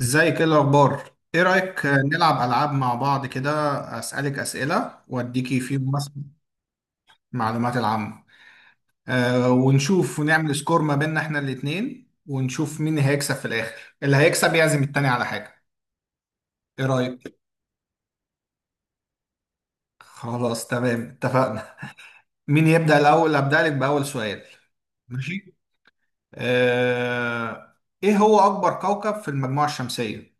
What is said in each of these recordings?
ازيك، ايه الاخبار؟ ايه رايك نلعب العاب مع بعض كده؟ اسالك اسئله واديكي فيهم مثلا معلومات العامه. ونشوف ونعمل سكور ما بيننا احنا الاتنين، ونشوف مين هيكسب في الاخر. اللي هيكسب يعزم التاني على حاجه. ايه رايك؟ خلاص تمام، اتفقنا. مين يبدا الاول؟ ابدا لك باول سؤال. ماشي. أه ايه هو اكبر كوكب في المجموعه الشمسيه؟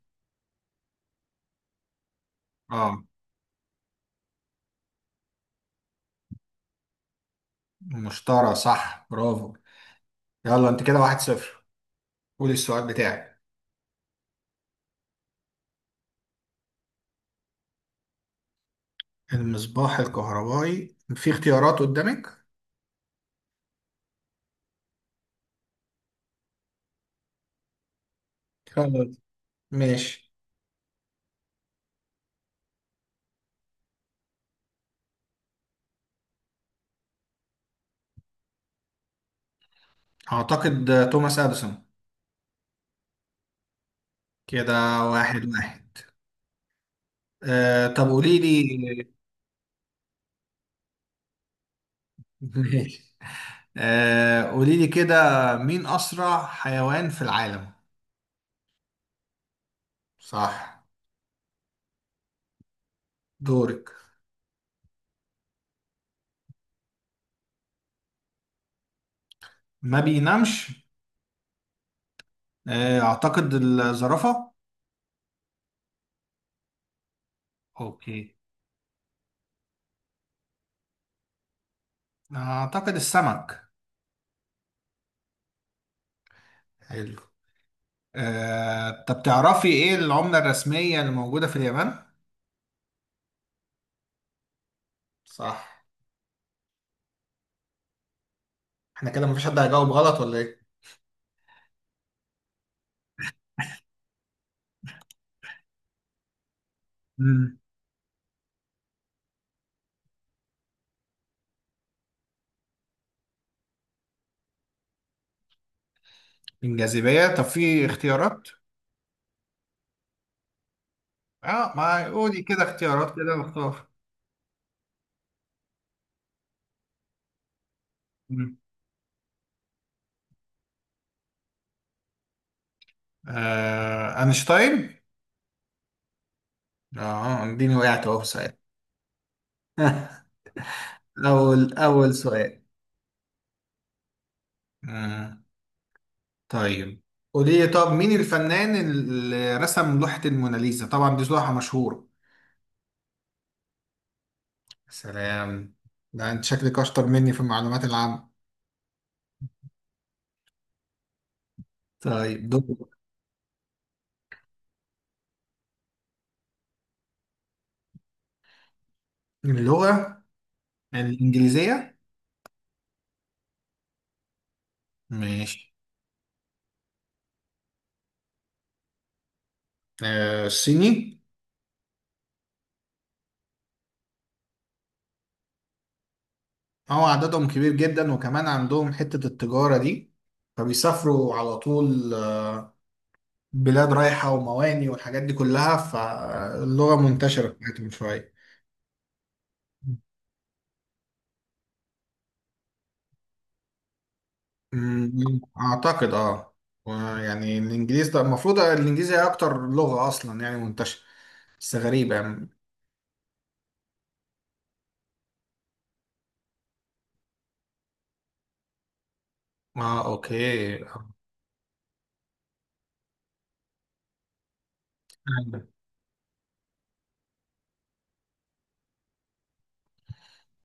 اه، المشتري، صح، برافو. يلا، انت كده واحد صفر. قول السؤال بتاعك. المصباح الكهربائي؟ في اختيارات قدامك؟ خلاص، ماشي. اعتقد توماس اديسون. كده واحد واحد. طب قولي لي. ماشي. قولي لي كده، مين اسرع حيوان في العالم؟ صح. دورك. ما بينامش؟ اعتقد الزرافة. اوكي. اعتقد السمك. حلو. طب تعرفي ايه العملة الرسمية اللي موجودة في اليابان؟ صح. احنا كده مفيش حد هيجاوب غلط ولا ايه؟ مم. الجاذبية؟ طب في اختيارات؟ اه. ما قولي كده اختيارات كده واختار. مم. اينشتاين. اه، اديني، وقعت اهو في سؤال. اول سؤال. آه. طيب، قولي لي طب مين الفنان اللي رسم لوحة الموناليزا؟ طبعا دي لوحة مشهورة. سلام، ده انت شكلك اشطر مني في المعلومات العامة. طيب دول. اللغة الإنجليزية. ماشي. الصيني. اه، عددهم كبير جدا، وكمان عندهم حتة التجارة دي، فبيسافروا على طول بلاد رايحة ومواني والحاجات دي كلها، فاللغة منتشرة بتاعتهم شوية. أعتقد اه. يعني الإنجليزي ده، المفروض الإنجليزي هي أكتر لغة أصلا يعني منتشرة، بس غريبة يعني. اه، أوكي.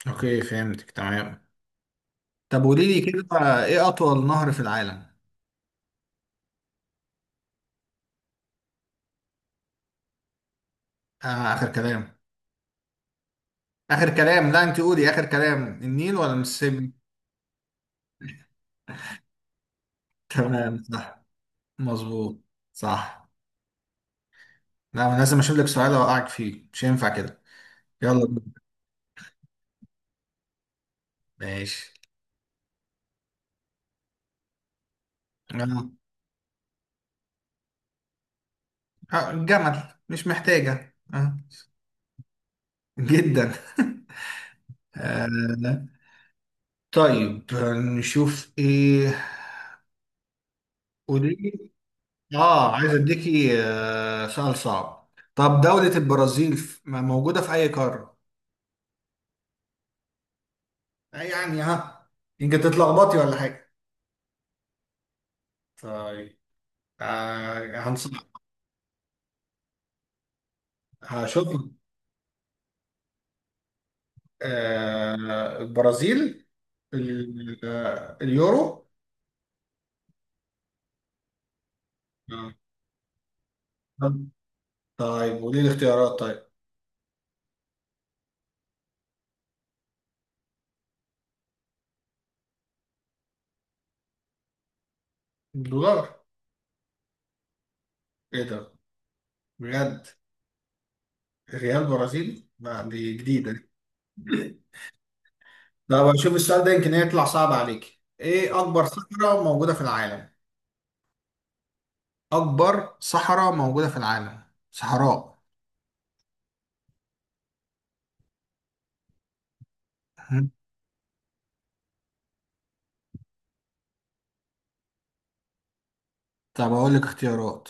أوكي، فهمتك تمام. طب قولي لي كده، إيه أطول نهر في العالم؟ آه، آخر كلام. آخر كلام؟ لا، أنت قولي، آخر كلام النيل ولا المسيسيبي؟ تمام، صح. مظبوط. صح. لا، انا لازم اشوف لك سؤال اوقعك فيه، مش ينفع كده. يلا بينا. ماشي. آه. الجمل. مش محتاجة آه. جدا. آه. طيب نشوف ايه. قولي لي. اه، عايز اديكي سؤال صعب. طب دولة البرازيل موجودة في اي قارة؟ يعني ها، يمكن تتلخبطي ولا حاجة. طيب. هنصح. هشوف. البرازيل، اليورو. آه. طب- طيب، وليه الاختيارات طيب. الدولار. ايه ده؟ بجد. ريال برازيلي؟ لا دي جديدة. طب اشوف السؤال ده، يمكن يطلع صعب عليك. ايه اكبر صحراء موجودة في العالم؟ اكبر صحراء موجودة في العالم. صحراء. مم. طب اقول لك اختيارات.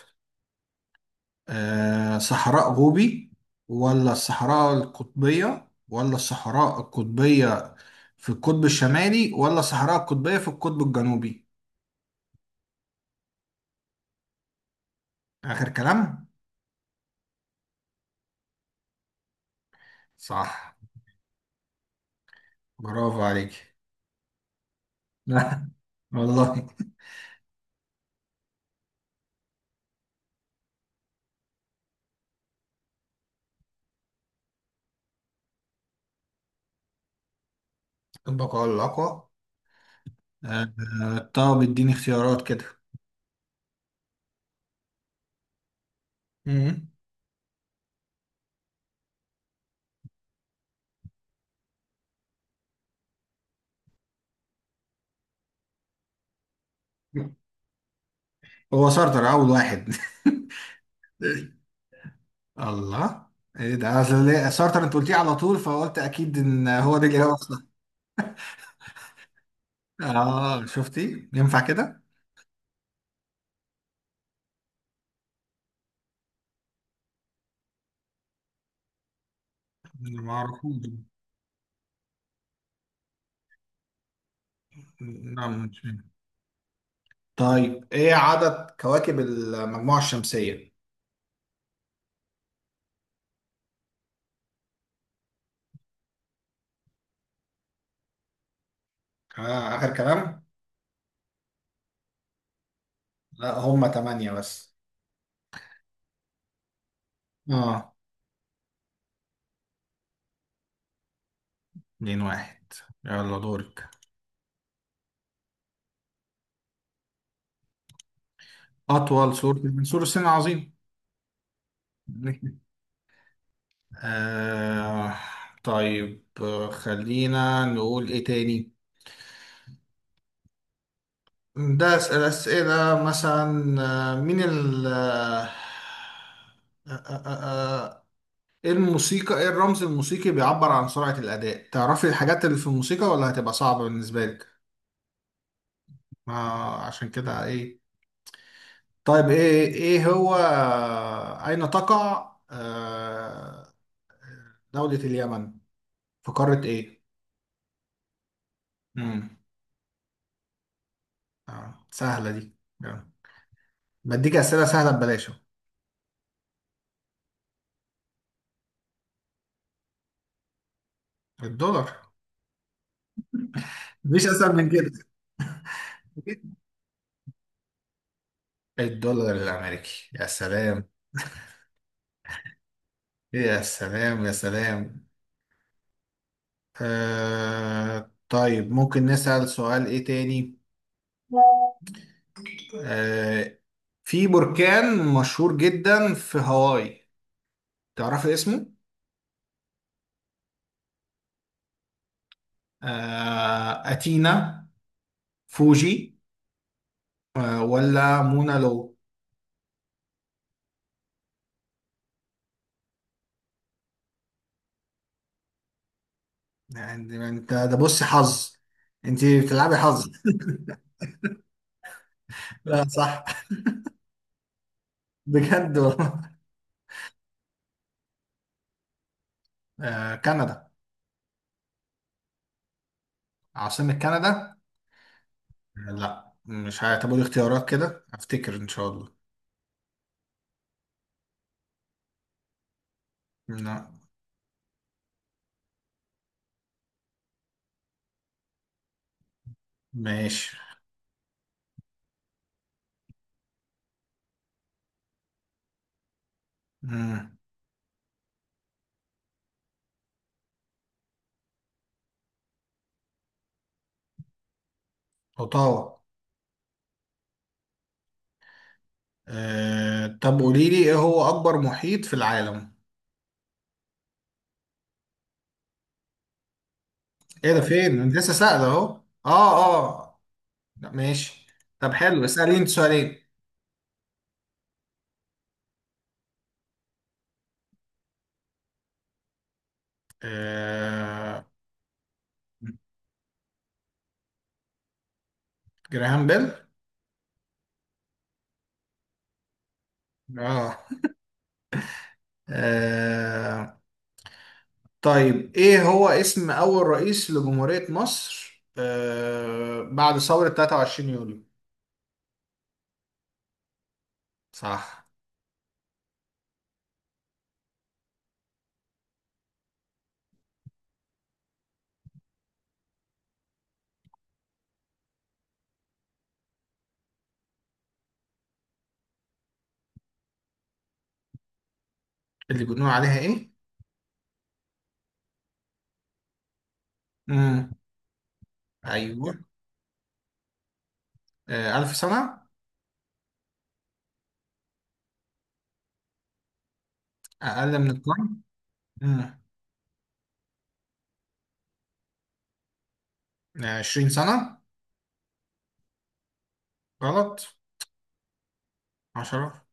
صحراء غوبي، ولا الصحراء القطبية، ولا الصحراء القطبية في القطب الشمالي، ولا الصحراء القطبية في القطب الجنوبي. آخر كلام. صح، برافو عليك. والله. طبق على الأقوى. آه، طب اديني اختيارات كده. مم. هو سارتر أول واحد؟ الله، ايه ده؟ سارتر انت قلتيه على طول، فقلت اكيد ان هو ده الإجابة اصلا. اه، شفتي ينفع كده. أنا ما أعرفوش. نعم، مش فاهم. طيب، ايه عدد كواكب المجموعة الشمسية؟ آه، آخر كلام؟ لا هما تمانية بس. آه. اتنين واحد. يلا دورك. أطول سور من سور الصين العظيم. آه. طيب خلينا نقول إيه تاني. ده أسئلة، أسئلة مثلا. آه، مين ال آه، آه، آه، آه، ايه الموسيقى، ايه الرمز الموسيقي بيعبر عن سرعة الأداء؟ تعرفي الحاجات اللي في الموسيقى ولا هتبقى صعبة بالنسبة لك؟ ما عشان كده ايه. طيب ايه هو، اين تقع دولة اليمن، في قارة ايه؟ امم. سهلة دي. آه. بديك أسئلة سهلة ببلاش أهو. الدولار. مفيش أسهل من كده. الدولار الأمريكي. يا سلام، يا سلام، يا سلام. آه طيب، ممكن نسأل سؤال إيه تاني. آه، في بركان مشهور جدا في هاواي، تعرفي اسمه؟ أتينا، فوجي، ولا مونا لو؟ يعني انت ده بص، حظ، انت بتلعبي حظ. لا صح. بجد والله. كندا. عاصمة كندا؟ لا مش هتبقى اختيارات كده، افتكر ان شاء الله. لا ماشي. مم. اوتاوا. طب قولي لي، ايه هو اكبر محيط في العالم؟ ايه ده فين؟ انت لسه سائل اهو. اه اه، لا ماشي. طب حلو، اسأليني انت سؤالين. آه. جراهام بيل. اه. آه. طيب، ايه هو اسم اول رئيس لجمهورية مصر بعد ثورة 23 يوليو؟ صح. اللي بنقول عليها ايه؟ امم. ايوه. آه... 1000 سنة. اقل من القرن. امم. 20 سنة. غلط. 10.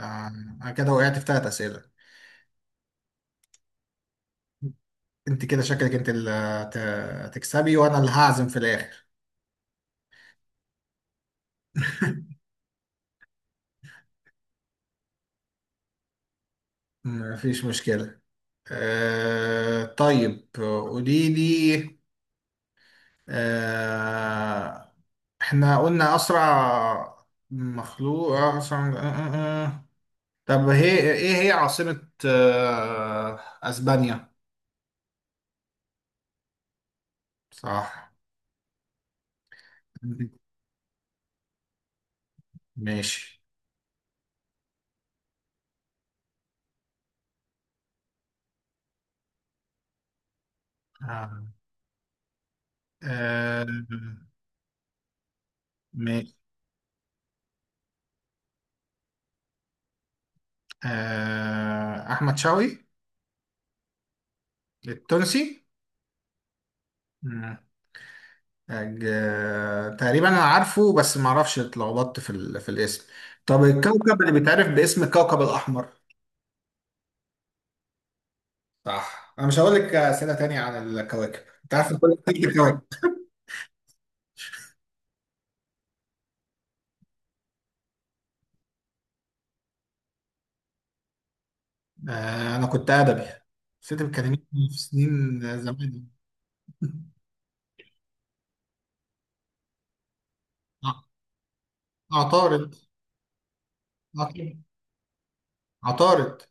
آه... أنا كده وقعت في ثلاث أسئلة. انت كده شكلك انت اللي هتكسبي، وانا اللي هعزم في الاخر. مفيش مشكلة. آه طيب، قولي لي. آه، احنا قلنا اسرع مخلوق، اسرع آه آه آه. طب هي ايه هي عاصمة اسبانيا؟ صح. ماشي. آه. آه، ماشي. آه، احمد شوقي. التونسي. تقريبا انا عارفه بس ما اعرفش، اتلخبطت في في الاسم. طب الكوكب اللي بيتعرف باسم الكوكب الاحمر. صح. انا مش هقول لك اسئله تانية عن الكواكب، انت عارف كل تلت الكواكب. آه، انا كنت ادبي، بس انت بتكلمني في سنين زمان. ع- عطارد. عطارد. عطارد.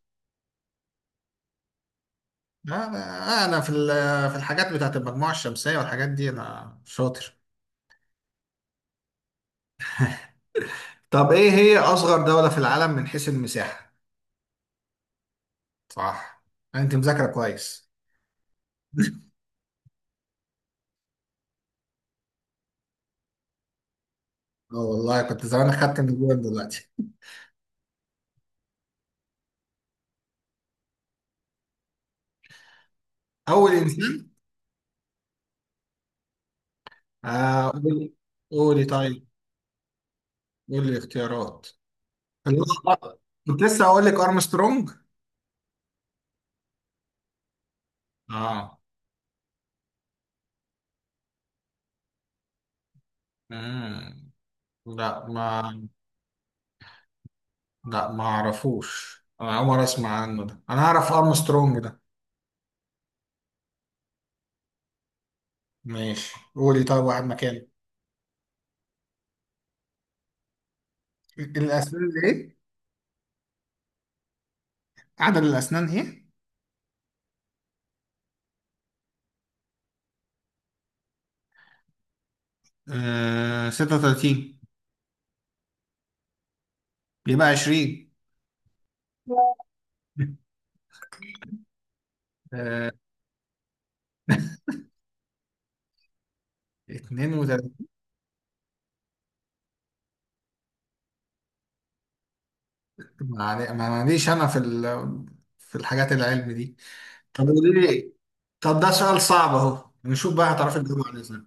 لا، لا، انا في في الحاجات بتاعت المجموعه الشمسيه والحاجات دي انا شاطر. طب ايه هي اصغر دوله في العالم من حيث المساحه؟ صح. انت مذاكره كويس. اه والله كنت زمان، اخدت من جوه دلوقتي. اول انسان. قولي. قولي طيب. قولي الاختيارات. اللي هو، كنت لسه هقول لك ارمسترونج. اه. مم. لا ما لا ما اعرفوش، انا اول مره اسمع عنه ده، انا اعرف ارمسترونج ده. ماشي قولي طيب واحد مكانه. الاسنان اللي ايه؟ عدد الاسنان ايه؟ آه، 36. يبقى 20. آه، 32. ما ماليش انا في في الحاجات العلم دي. طب قولي لي. طب ده سؤال صعب اهو، نشوف بقى هتعرفي تجاوبي عليه ازاي.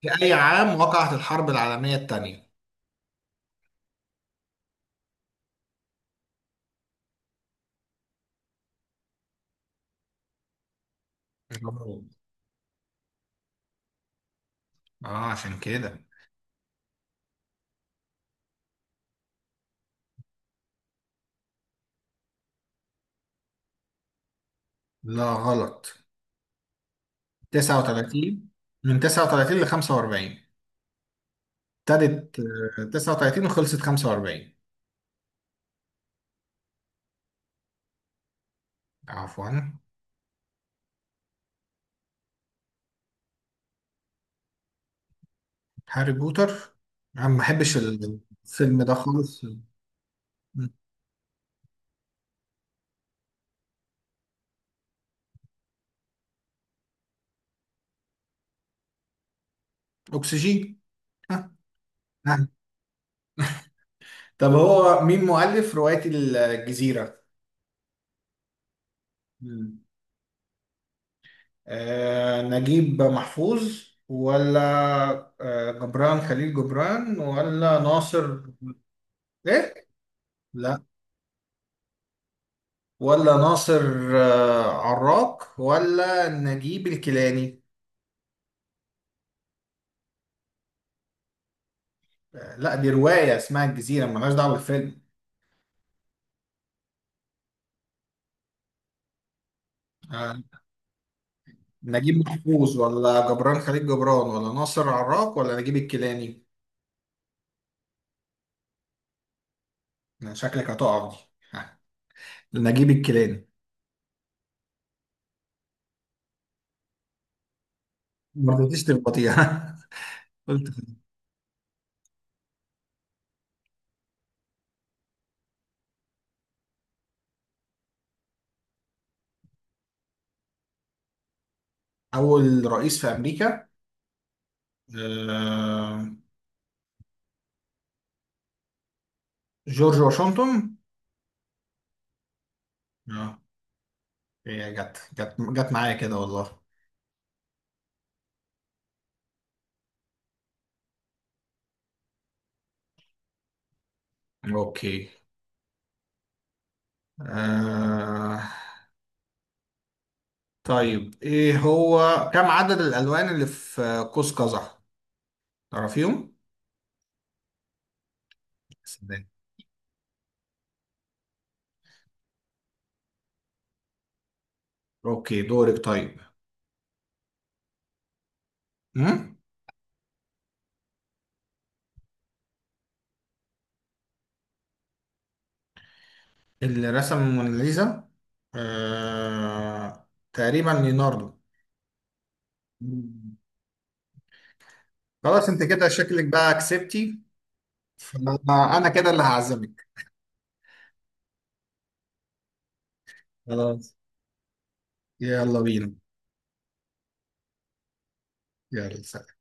في اي عام وقعت الحرب العالميه الثانيه؟ اه. عشان كده. لا غلط. 39. من 39 ل 45. ابتدت 39 وخلصت 45. عفوا. هاري بوتر. انا ما بحبش الفيلم ده خالص. م. اكسجين. ها. طب هو مين مؤلف رواية الجزيرة؟ مم. آه نجيب محفوظ، ولا آه جبران خليل جبران، ولا ناصر. إيه؟ لا. ولا ناصر، آه عراق، ولا نجيب الكيلاني؟ آه لا، دي رواية اسمها الجزيرة، ملهاش دعوة بالفيلم. آه نجيب محفوظ، ولا جبران خليل جبران، ولا ناصر عراق، ولا نجيب الكيلاني؟ شكلك هتقع دي. نجيب الكيلاني. ما رضيتيش تغلطيها. أول رئيس في أمريكا. آه، جورج واشنطن. اه. هي جت معايا كده والله. أوكي. آه، طيب، إيه هو، كم عدد الألوان اللي في قوس قزح؟ تعرفيهم؟ سلام. أوكي، دورك طيب. هم؟ اللي رسم الموناليزا. آه، تقريبا ليوناردو. مم. خلاص، انت كده شكلك بقى كسبتي. فانا، أنا كده اللي هعزمك. خلاص، يلا بينا. يلا سلام.